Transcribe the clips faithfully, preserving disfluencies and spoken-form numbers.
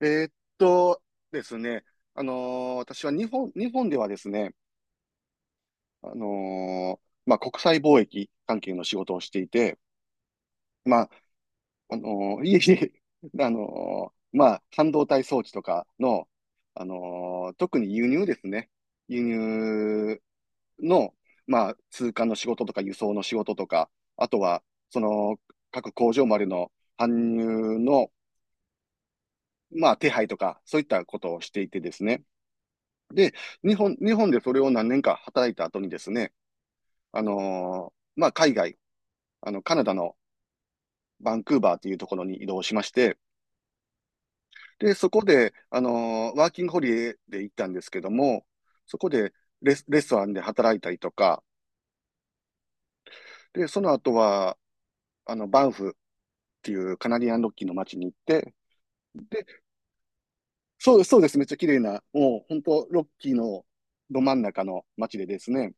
えーっとですね、あのー私は日本、日本ではですね、あのーまあ、国際貿易関係の仕事をしていて、まあ、あのーいえいえ、あのーまあ、半導体装置とかの、あのー特に輸入ですね、輸入の、まあ、通関の仕事とか輸送の仕事とか、あとは、その、各工場までの搬入の、まあ、手配とか、そういったことをしていてですね、で、日本、日本でそれを何年か働いた後にですね、あのーまあ、海外、あの、カナダのバンクーバーというところに移動しまして、で、そこで、あのーワーキングホリデーで行ったんですけども、そこでレス、レストランで働いたりとか、で、その後は、あの、バンフっていうカナディアンロッキーの街に行って、そうです、そうです。めっちゃ綺麗な、もう本当、ロッキーのど真ん中の街でですね、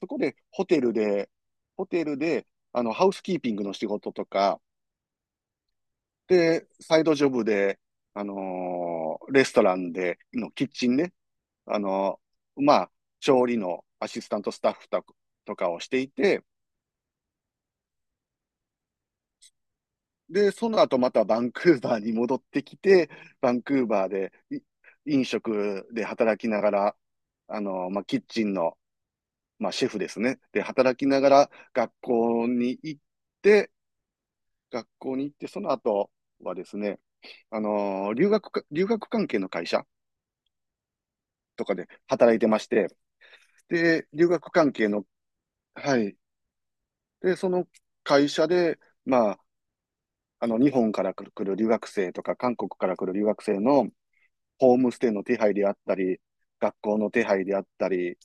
そこでホテルで、ホテルで、あの、ハウスキーピングの仕事とか、で、サイドジョブで、あのーレストランでのキッチンね、あのーまあ、調理のアシスタントスタッフとかとかをしていて、で、その後またバンクーバーに戻ってきて、バンクーバーでい飲食で働きながら、あのーまあ、キッチンのまあ、シェフですね。で、働きながら学校に行って、学校に行って、その後はですね、あのー留学か、留学関係の会社とかで働いてまして、で、留学関係の、はい。で、その会社で、まあ、あの、日本から来る来る留学生とか、韓国から来る留学生のホームステイの手配であったり、学校の手配であったり、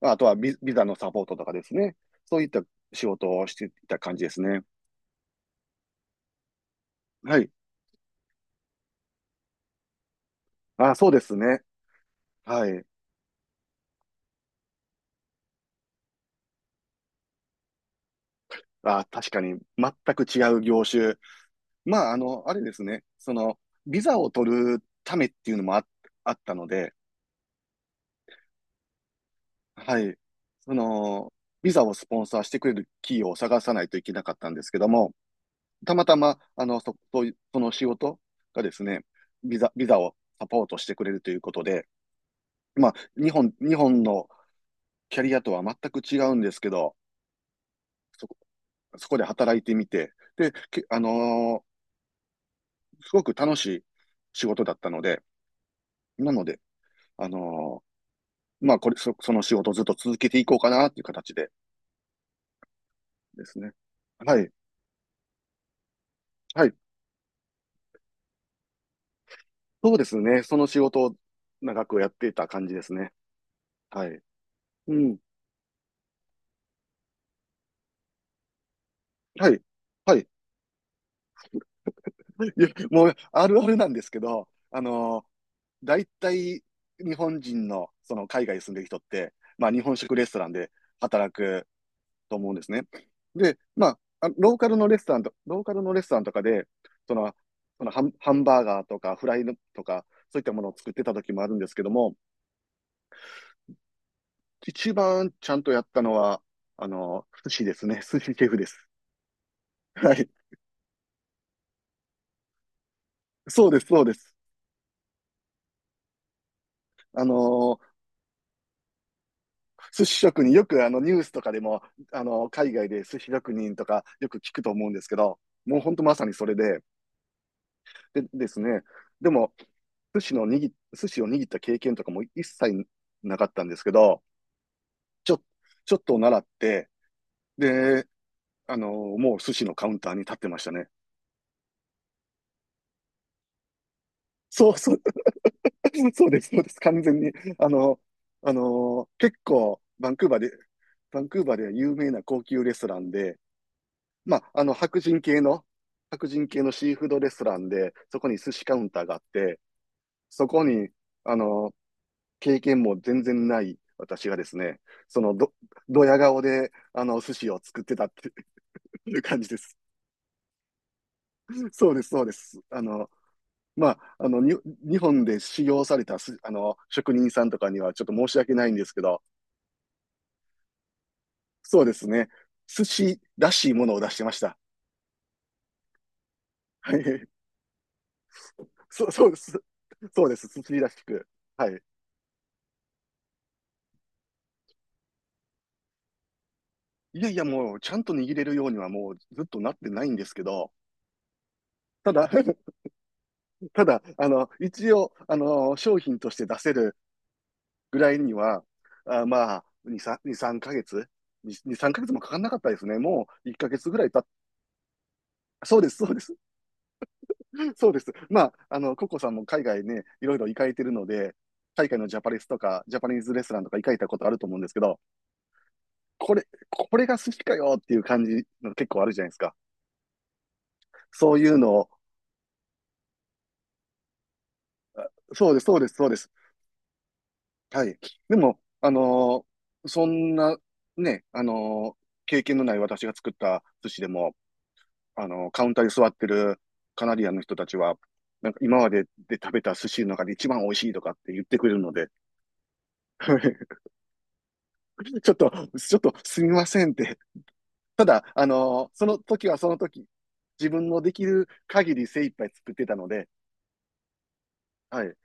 まあとはビビザのサポートとかですね。そういった仕事をしていた感じですね。はい。あ、そうですね。はい。あ、確かに、全く違う業種。まあ、あの、あれですね。その、ビザを取るためっていうのもあ、あったので、はい。その、ビザをスポンサーしてくれる企業を探さないといけなかったんですけども、たまたま、あの、そ、そういうその仕事がですね、ビザ、ビザをサポートしてくれるということで、まあ、日本、日本のキャリアとは全く違うんですけど、そこ、そこで働いてみて、で、け、あのーすごく楽しい仕事だったので、なので、あのーまあ、これ、そ、その仕事をずっと続けていこうかなっていう形でですね。はい。はい。そうですね。その仕事を長くやっていた感じですね。はい。うん。はい。はい。いや、もう、あるあるなんですけど、あのー、大体、日本人の、その海外に住んでる人って、まあ、日本食レストランで働くと思うんですね。で、まあ、ローカルのレストランと、ローカルのレストランとかで、その、そのハンハンバーガーとかフライとか、そういったものを作ってた時もあるんですけども、一番ちゃんとやったのは、あの、寿司ですね。寿司シェフです。はい。そうです、そうです。あのー寿司職人、よくあのニュースとかでも、あのー海外で寿司職人とかよく聞くと思うんですけど、もう本当まさにそれで、でですね、でも、寿司の握、寿司を握った経験とかも一切なかったんですけど、ちょ、ちょっと習って、で、あの、もう寿司のカウンターに立ってましたね。そうそう、そうです、そうです。完全に。あの、あの、結構、バンクーバーで、バンクーバーでは有名な高級レストランで、まあ、あの、白人系の、白人系のシーフードレストランで、そこに寿司カウンターがあって、そこに、あの経験も全然ない私がですね、そのど、ドヤ顔で、あの、寿司を作ってたっていう感じです。そうです、そうです。あの、まあ、あの、に、日本で修行されたす、あの、職人さんとかにはちょっと申し訳ないんですけど、そうですね、寿司らしいものを出してました。はい。そう、そうです。そうです。寿司らしく。はい。いやいや、もう、ちゃんと握れるようにはもうずっとなってないんですけど、ただ、ただ、あの、一応、あの、商品として出せるぐらいには、あまあ、ふた、さん、に、さんかげつ ?に、さんかげつもかかんなかったですね。もういっかげつぐらい経っそうです、そうです。そうです。まあ、あの、ココさんも海外ね、いろいろ行かれてるので、海外のジャパレスとか、ジャパニーズレストランとか行かれたことあると思うんですけど、これ、これが寿司かよっていう感じの結構あるじゃないですか。そういうのを、そうです、そうです、そうです。はい。でも、あのーそんな、ね、あのー経験のない私が作った寿司でも、あの、カウンターに座ってるカナディアンの人たちは、なんか今までで食べた寿司の中で一番美味しいとかって言ってくれるので、ちょっと、ちょっとすみませんって。ただ、あの、その時はその時、自分のできる限り精一杯作ってたので、はい。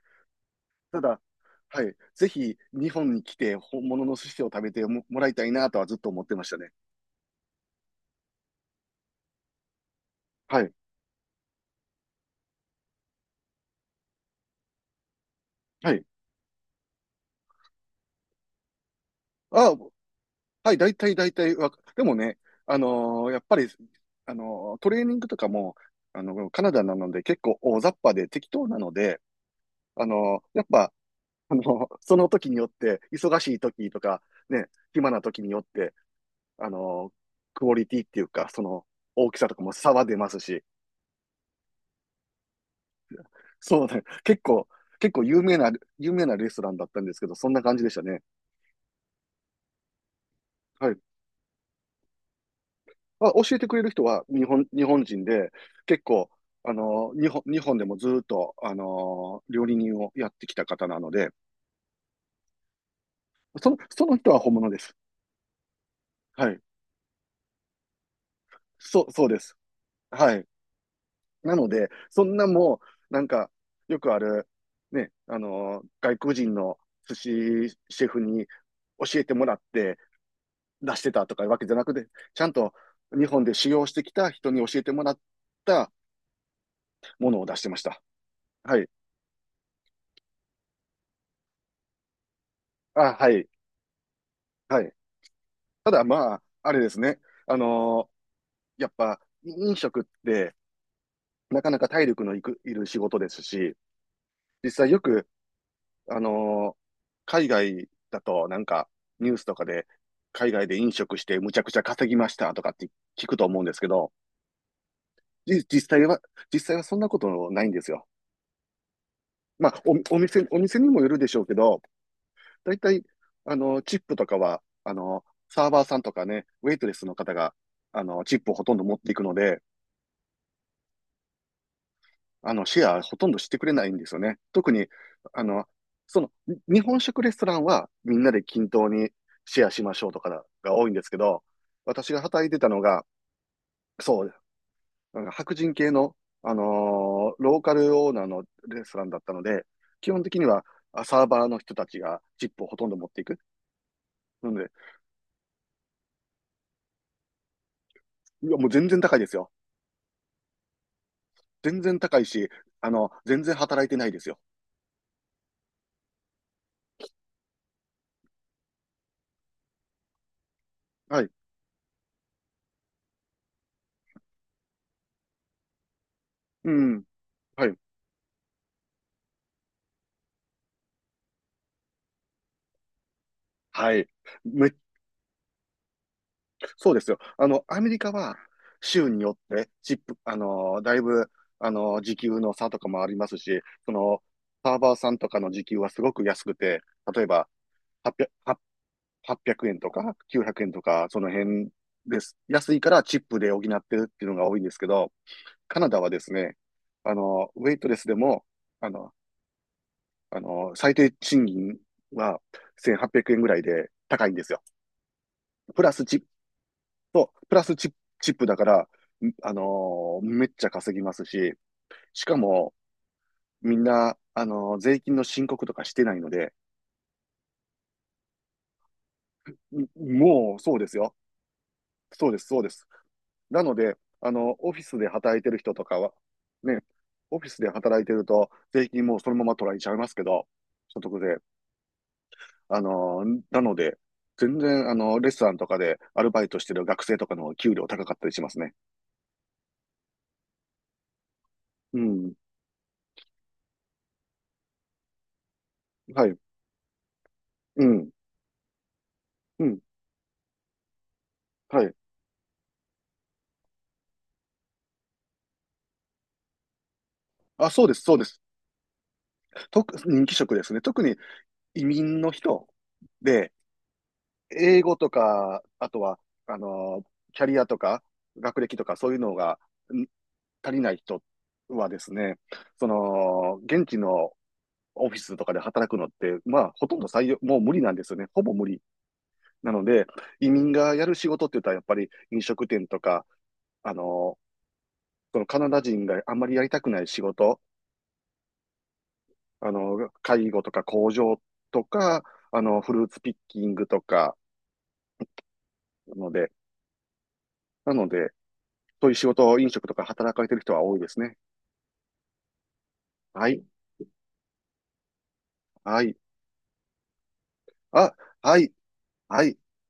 ただ、はい。ぜひ日本に来て本物の寿司を食べても、もらいたいなとはずっと思ってましたね。はい。はい。あ、はい、大体、大体わか、でもね、あのーやっぱり、あのートレーニングとかも、あの、カナダなので結構大雑把で適当なので、あのーやっぱ、あのーその時によって、忙しい時とか、ね、暇な時によって、あのークオリティっていうか、その大きさとかも差は出ますし、そうね、結構、結構有名な、有名なレストランだったんですけど、そんな感じでしたね。はい。あ、教えてくれる人は日本、日本人で、結構、あの、日本、日本でもずっと、あの、料理人をやってきた方なので、その、その人は本物です。はい。そう、そうです。はい。なので、そんなもう、なんか、よくある、ね、あの、外国人の寿司シェフに教えてもらって出してたとかいうわけじゃなくて、ちゃんと日本で修行してきた人に教えてもらったものを出してました。はい。あ、はい。はい。ただまあ、あれですね。あのーやっぱ飲食ってなかなか体力のいく、いる仕事ですし、実際よく、あのー海外だとなんかニュースとかで海外で飲食してむちゃくちゃ稼ぎましたとかって聞くと思うんですけど、じ実際は、実際はそんなことないんですよ。まあ、お、お店、お店にもよるでしょうけど、だいたい、あの、チップとかは、あの、サーバーさんとかね、ウェイトレスの方が、あの、チップをほとんど持っていくので、あの、シェアほとんどしてくれないんですよね。特に、あの、その、に日本食レストランはみんなで均等にシェアしましょうとかが多いんですけど、私が働いてたのが、そう、なんか白人系の、あのーローカルオーナーのレストランだったので、基本的にはあサーバーの人たちがチップをほとんど持っていく。なので、いや、もう全然高いですよ。全然高いし、あの、全然働いてないですよ。はい。うん。はい。はい。めそうですよ。あの、アメリカは州によってチップ、あのだいぶ、あの時給の差とかもありますし、その、サーバーさんとかの時給はすごく安くて、例えばはっぴゃく、円とかきゅうひゃくえんとか、その辺です。安いからチップで補ってるっていうのが多いんですけど、カナダはですね、あのウェイトレスでも、あの、あの、最低賃金はせんはっぴゃくえんぐらいで高いんですよ。プラスチップ、プラスチップ、チップだから、あのーめっちゃ稼ぎますし、しかも、みんな、あのー税金の申告とかしてないので、んもう、そうですよ。そうです、そうです。なので、あの、オフィスで働いてる人とかは、ね、オフィスで働いてると、税金もうそのまま取られちゃいますけど、所得税。あのーなので、全然、あの、レストランとかでアルバイトしてる学生とかの方が給料高かったりしますね。うん。はい。うん。うん。はい。あ、そうです、そうです。と人気職ですね。特に移民の人で、英語とか、あとは、あの、キャリアとか、学歴とか、そういうのがん足りない人はですね、その、現地のオフィスとかで働くのって、まあ、ほとんど採用、もう無理なんですよね。ほぼ無理。なので、移民がやる仕事って言ったら、やっぱり飲食店とか、あの、そのカナダ人があんまりやりたくない仕事、あの、介護とか工場とか、あの、フルーツピッキングとか、ので、なので、そういう仕事、飲食とか働かれてる人は多いですね。はい、はい、あ、はい、はい。